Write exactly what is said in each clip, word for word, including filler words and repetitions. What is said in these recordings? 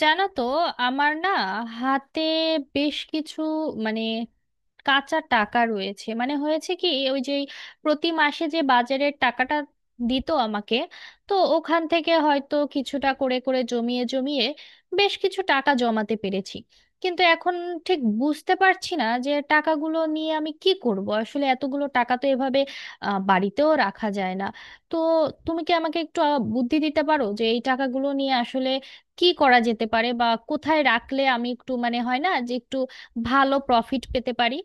জানো তো আমার না হাতে বেশ কিছু মানে কাঁচা টাকা রয়েছে মানে হয়েছে কি ওই যে প্রতি মাসে যে বাজারের টাকাটা দিত আমাকে তো ওখান থেকে হয়তো কিছুটা করে করে জমিয়ে জমিয়ে বেশ কিছু টাকা জমাতে পেরেছি। কিন্তু এখন ঠিক বুঝতে পারছি না যে টাকাগুলো নিয়ে আমি কি করব, আসলে এতগুলো টাকা তো এভাবে আহ, বাড়িতেও রাখা যায় না। তো তুমি কি আমাকে একটু আহ, বুদ্ধি দিতে পারো যে এই টাকাগুলো নিয়ে আসলে কি করা যেতে পারে বা কোথায় রাখলে আমি একটু মানে হয় না যে একটু ভালো প্রফিট পেতে পারি।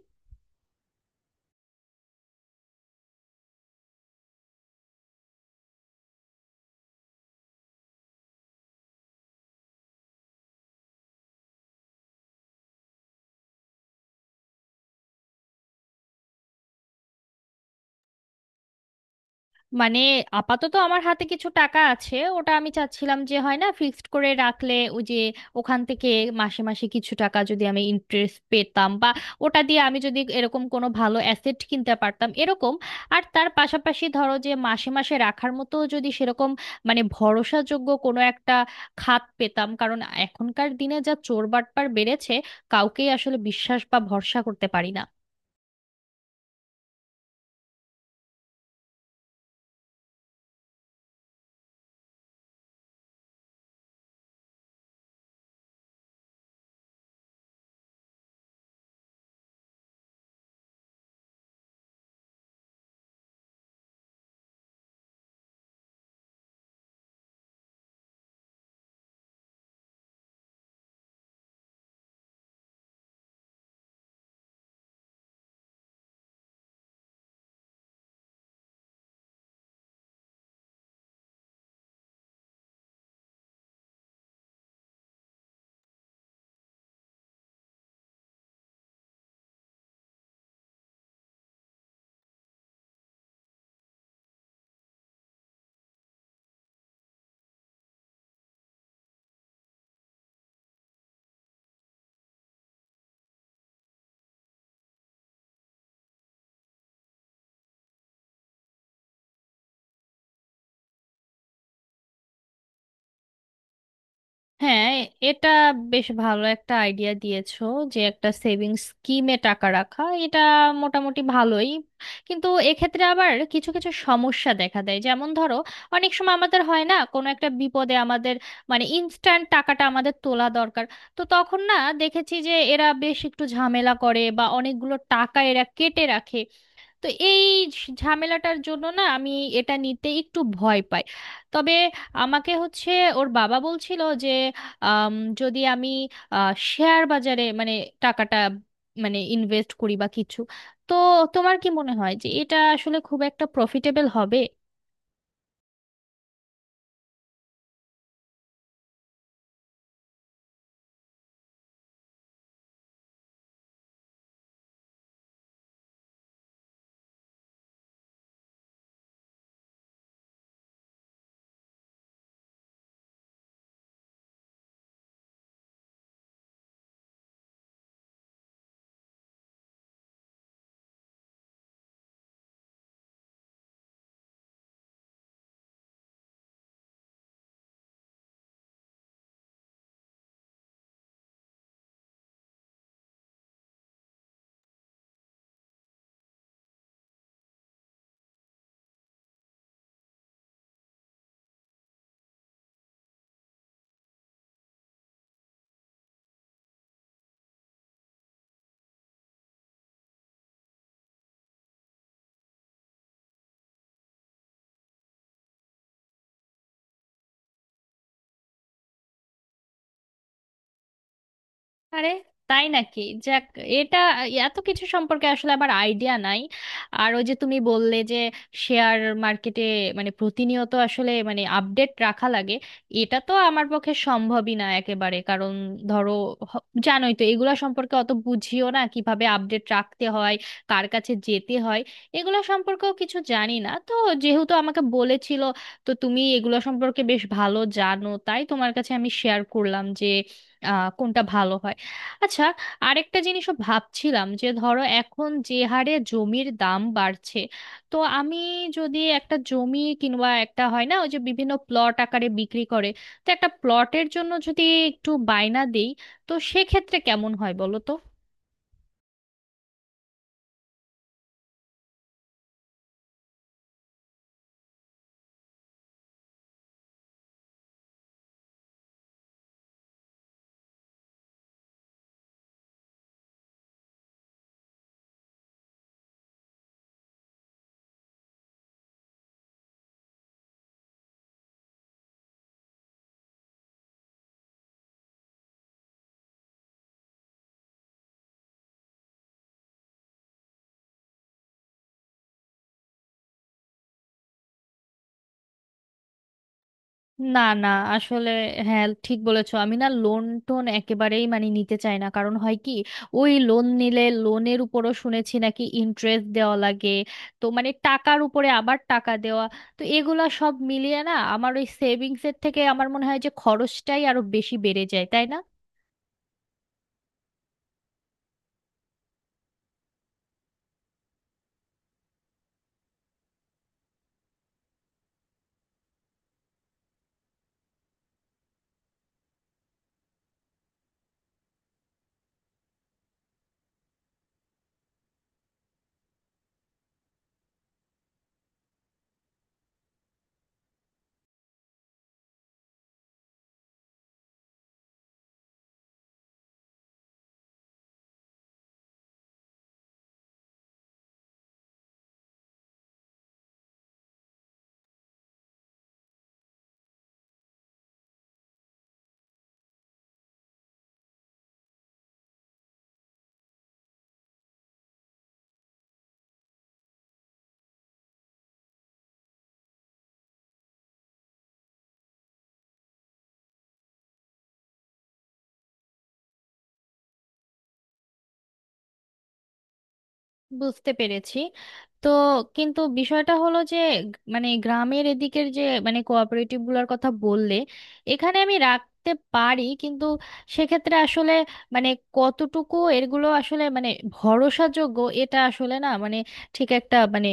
মানে আপাতত আমার হাতে কিছু টাকা আছে, ওটা আমি চাচ্ছিলাম যে হয় না ফিক্সড করে রাখলে ওই যে ওখান থেকে মাসে মাসে কিছু টাকা যদি আমি ইন্টারেস্ট পেতাম, বা ওটা দিয়ে আমি যদি এরকম কোনো ভালো অ্যাসেট কিনতে পারতাম এরকম। আর তার পাশাপাশি ধরো যে মাসে মাসে রাখার মতো যদি সেরকম মানে ভরসাযোগ্য কোনো একটা খাত পেতাম, কারণ এখনকার দিনে যা চোর বাটপার বেড়েছে কাউকেই আসলে বিশ্বাস বা ভরসা করতে পারি না। হ্যাঁ, এ- এটা বেশ ভালো একটা আইডিয়া দিয়েছো যে একটা সেভিংস স্কিমে টাকা রাখা, এটা মোটামুটি ভালোই। কিন্তু এক্ষেত্রে আবার কিছু কিছু সমস্যা দেখা দেয়, যেমন ধরো অনেক সময় আমাদের হয় না কোনো একটা বিপদে আমাদের মানে ইনস্ট্যান্ট টাকাটা আমাদের তোলা দরকার, তো তখন না দেখেছি যে এরা বেশ একটু ঝামেলা করে বা অনেকগুলো টাকা এরা কেটে রাখে। তো এই ঝ- ঝামেলাটার জন্য না আমি এটা নিতে একটু ভয় পাই। তবে আমাকে হচ্ছে ওর বাবা বলছিল যে, আম, যদি আমি শেয়ার বাজারে মানে টাকাটা মানে ইনভেস্ট করি বা কিছু, তো তোমার কি মনে হয় যে এটা আসলে খুব একটা প্রফিটেবল হবে? আরে, তাই নাকি! যাক। এটা এত কিছু সম্পর্কে আসলে আমার আইডিয়া নাই। আর ওই যে তুমি বললে যে শেয়ার মার্কেটে মানে প্রতিনিয়ত আসলে মানে আপডেট রাখা লাগে, এটা তো আমার পক্ষে সম্ভবই না একেবারে, কারণ ধরো হ- জানোই তো এগুলা সম্পর্কে অত বুঝিও না কিভাবে আপডেট রাখতে হয়, কার কাছে যেতে হয়, এগুলো সম্পর্কেও কিছু জানি না। তো যেহেতু আমাকে বলেছিল, তো তুমি এগুলো সম্পর্কে বেশ ভালো জানো তাই তোমার কাছে আমি শেয়ার করলাম যে আহ কোনটা ভালো হয়। আচ্ছা, আরেকটা জিনিসও ভাবছিলাম যে ধরো এখন যে হারে জমির দাম বাড়ছে, তো আমি যদি একটা জমি কিংবা একটা হয় না ওই যে বিভিন্ন প্লট আকারে বিক্রি করে, তো একটা প্লটের জন্য যদি একটু বায়না দেই, তো সেক্ষেত্রে কেমন হয় বলো তো? না, না, আসলে হ্যাঁ ঠিক বলেছো, আমি না লোন টোন একেবারেই মানে নিতে চাই না, কারণ হয় কি ওই লোন নিলে লোনের উপরও শুনেছি নাকি ইন্টারেস্ট দেওয়া লাগে, তো মানে টাকার উপরে আবার টাকা দেওয়া, তো এগুলা সব মিলিয়ে না আমার ওই সেভিংস এর থেকে আমার মনে হয় যে খরচটাই আরো বেশি বেড়ে যায়, তাই না? বুঝতে পেরেছি। তো কিন্তু বিষয়টা হলো যে গ- মানে গ্রামের এদিকের যে মানে কোঅপারেটিভ গুলোর কথা বললে এখানে আমি রাখতে পারি, কিন্তু সেক্ষেত্রে আসলে মানে কতটুকু এগুলো আসলে মানে ভরসাযোগ্য, এটা আসলে না মানে ঠিক একটা মানে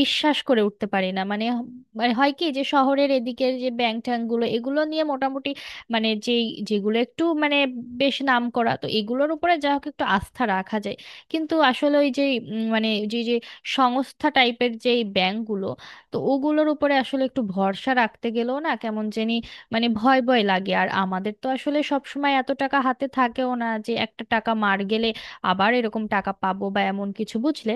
বিশ্বাস করে উঠতে পারি না, মানে হ- মানে হয় কি যে শহরের এদিকের যে ব্যাংক ট্যাঙ্কগুলো এগুলো নিয়ে মোটামুটি মানে যেই যেগুলো একটু মানে বেশ নাম করা তো এগুলোর উপরে যা হোক একটু আস্থা রাখা যায়। কিন্তু আসলে ওই যে উম, মানে যে যে সংস্থা টাইপের যে এই ব্যাংকগুলো, তো ওগুলোর উপরে আসলে একটু ভরসা রাখতে গেলেও না কেমন জানি মানে ভয় ভয় লাগে, আর আমাদের তো আসলে সব সময় এত টাকা হাতে থাকেও না যে একটা টাকা মার গেলে আবার এরকম টাকা পাবো বা এমন কিছু, বুঝলে?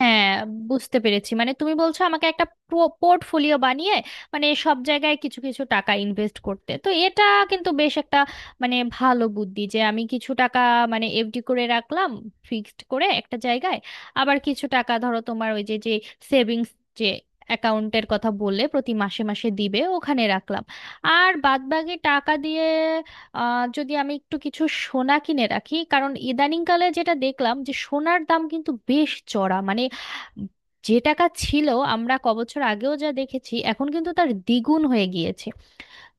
হ্যাঁ, বুঝতে পেরেছি, মানে তুমি বলছো আমাকে একটা পোর্টফোলিও বানিয়ে মানে সব জায়গায় কিছু কিছু টাকা ইনভেস্ট করতে, তো এটা কিন্তু বেশ একটা মানে ভালো বুদ্ধি যে আমি কিছু টাকা মানে এফডি করে রাখলাম ফিক্সড করে একটা জায়গায়, আবার কিছু টাকা ধরো তোমার ওই যে যে সেভিংস যে অ্যাকাউন্টের কথা বললে প্রতি মাসে মাসে দিবে ওখানে রাখলাম, আর বাদবাকি টাকা দিয়ে আহ যদি আমি একটু কিছু সোনা কিনে রাখি কারণ ইদানিংকালে যেটা দেখলাম যে সোনার দাম কিন্তু বেশ চড়া, মানে যে টাকা ছিল আমরা ক বছর আগেও যা দেখেছি এখন কিন্তু তার দ্বিগুণ হয়ে গিয়েছে।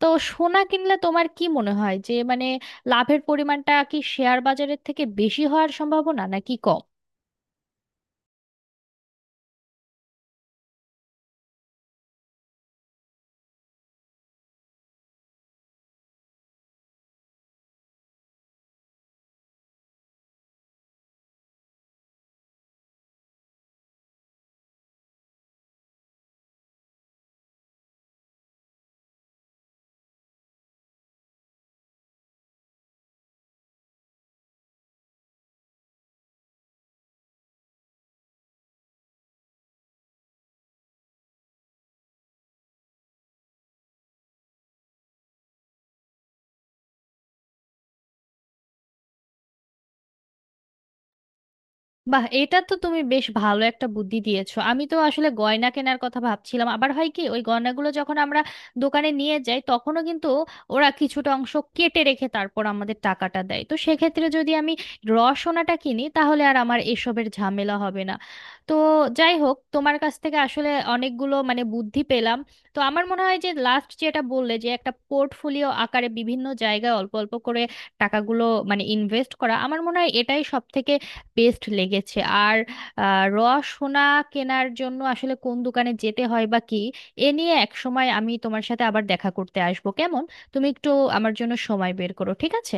তো সোনা কিনলে তোমার কি মনে হয় যে মানে লাভের পরিমাণটা কি শেয়ার বাজারের থেকে বেশি হওয়ার সম্ভাবনা নাকি কম? বাহ, এটা তো তুমি বেশ ভালো একটা বুদ্ধি দিয়েছো, আমি তো আসলে গয়না কেনার কথা ভাবছিলাম, আবার হয় কি ওই গয়নাগুলো যখন আমরা দোকানে নিয়ে যাই তখনও কিন্তু ওরা কিছুটা অংশ কেটে রেখে তারপর আমাদের টাকাটা দেয়, তো সেক্ষেত্রে যদি আমি র সোনাটা কিনি তাহলে আর আমার এসবের ঝামেলা হবে না। তো যাই হোক, তোমার কাছ থেকে আসলে অনেকগুলো মানে বুদ্ধি পেলাম। তো আমার মনে হয় যে লাস্ট যেটা বললে যে একটা পোর্টফোলিও আকারে বিভিন্ন জায়গায় অল্প অল্প করে টাকাগুলো মানে ইনভেস্ট করা, আমার মনে হয় এটাই সব থেকে বেস্ট লেগেছে। আর আহ, র সোনা কেনার জন্য আসলে কোন দোকানে যেতে হয় বা কি, এ নিয়ে এক সময় আমি তোমার সাথে আবার দেখা করতে আসবো, কেমন? তুমি একটু আমার জন্য সময় বের করো, ঠিক আছে?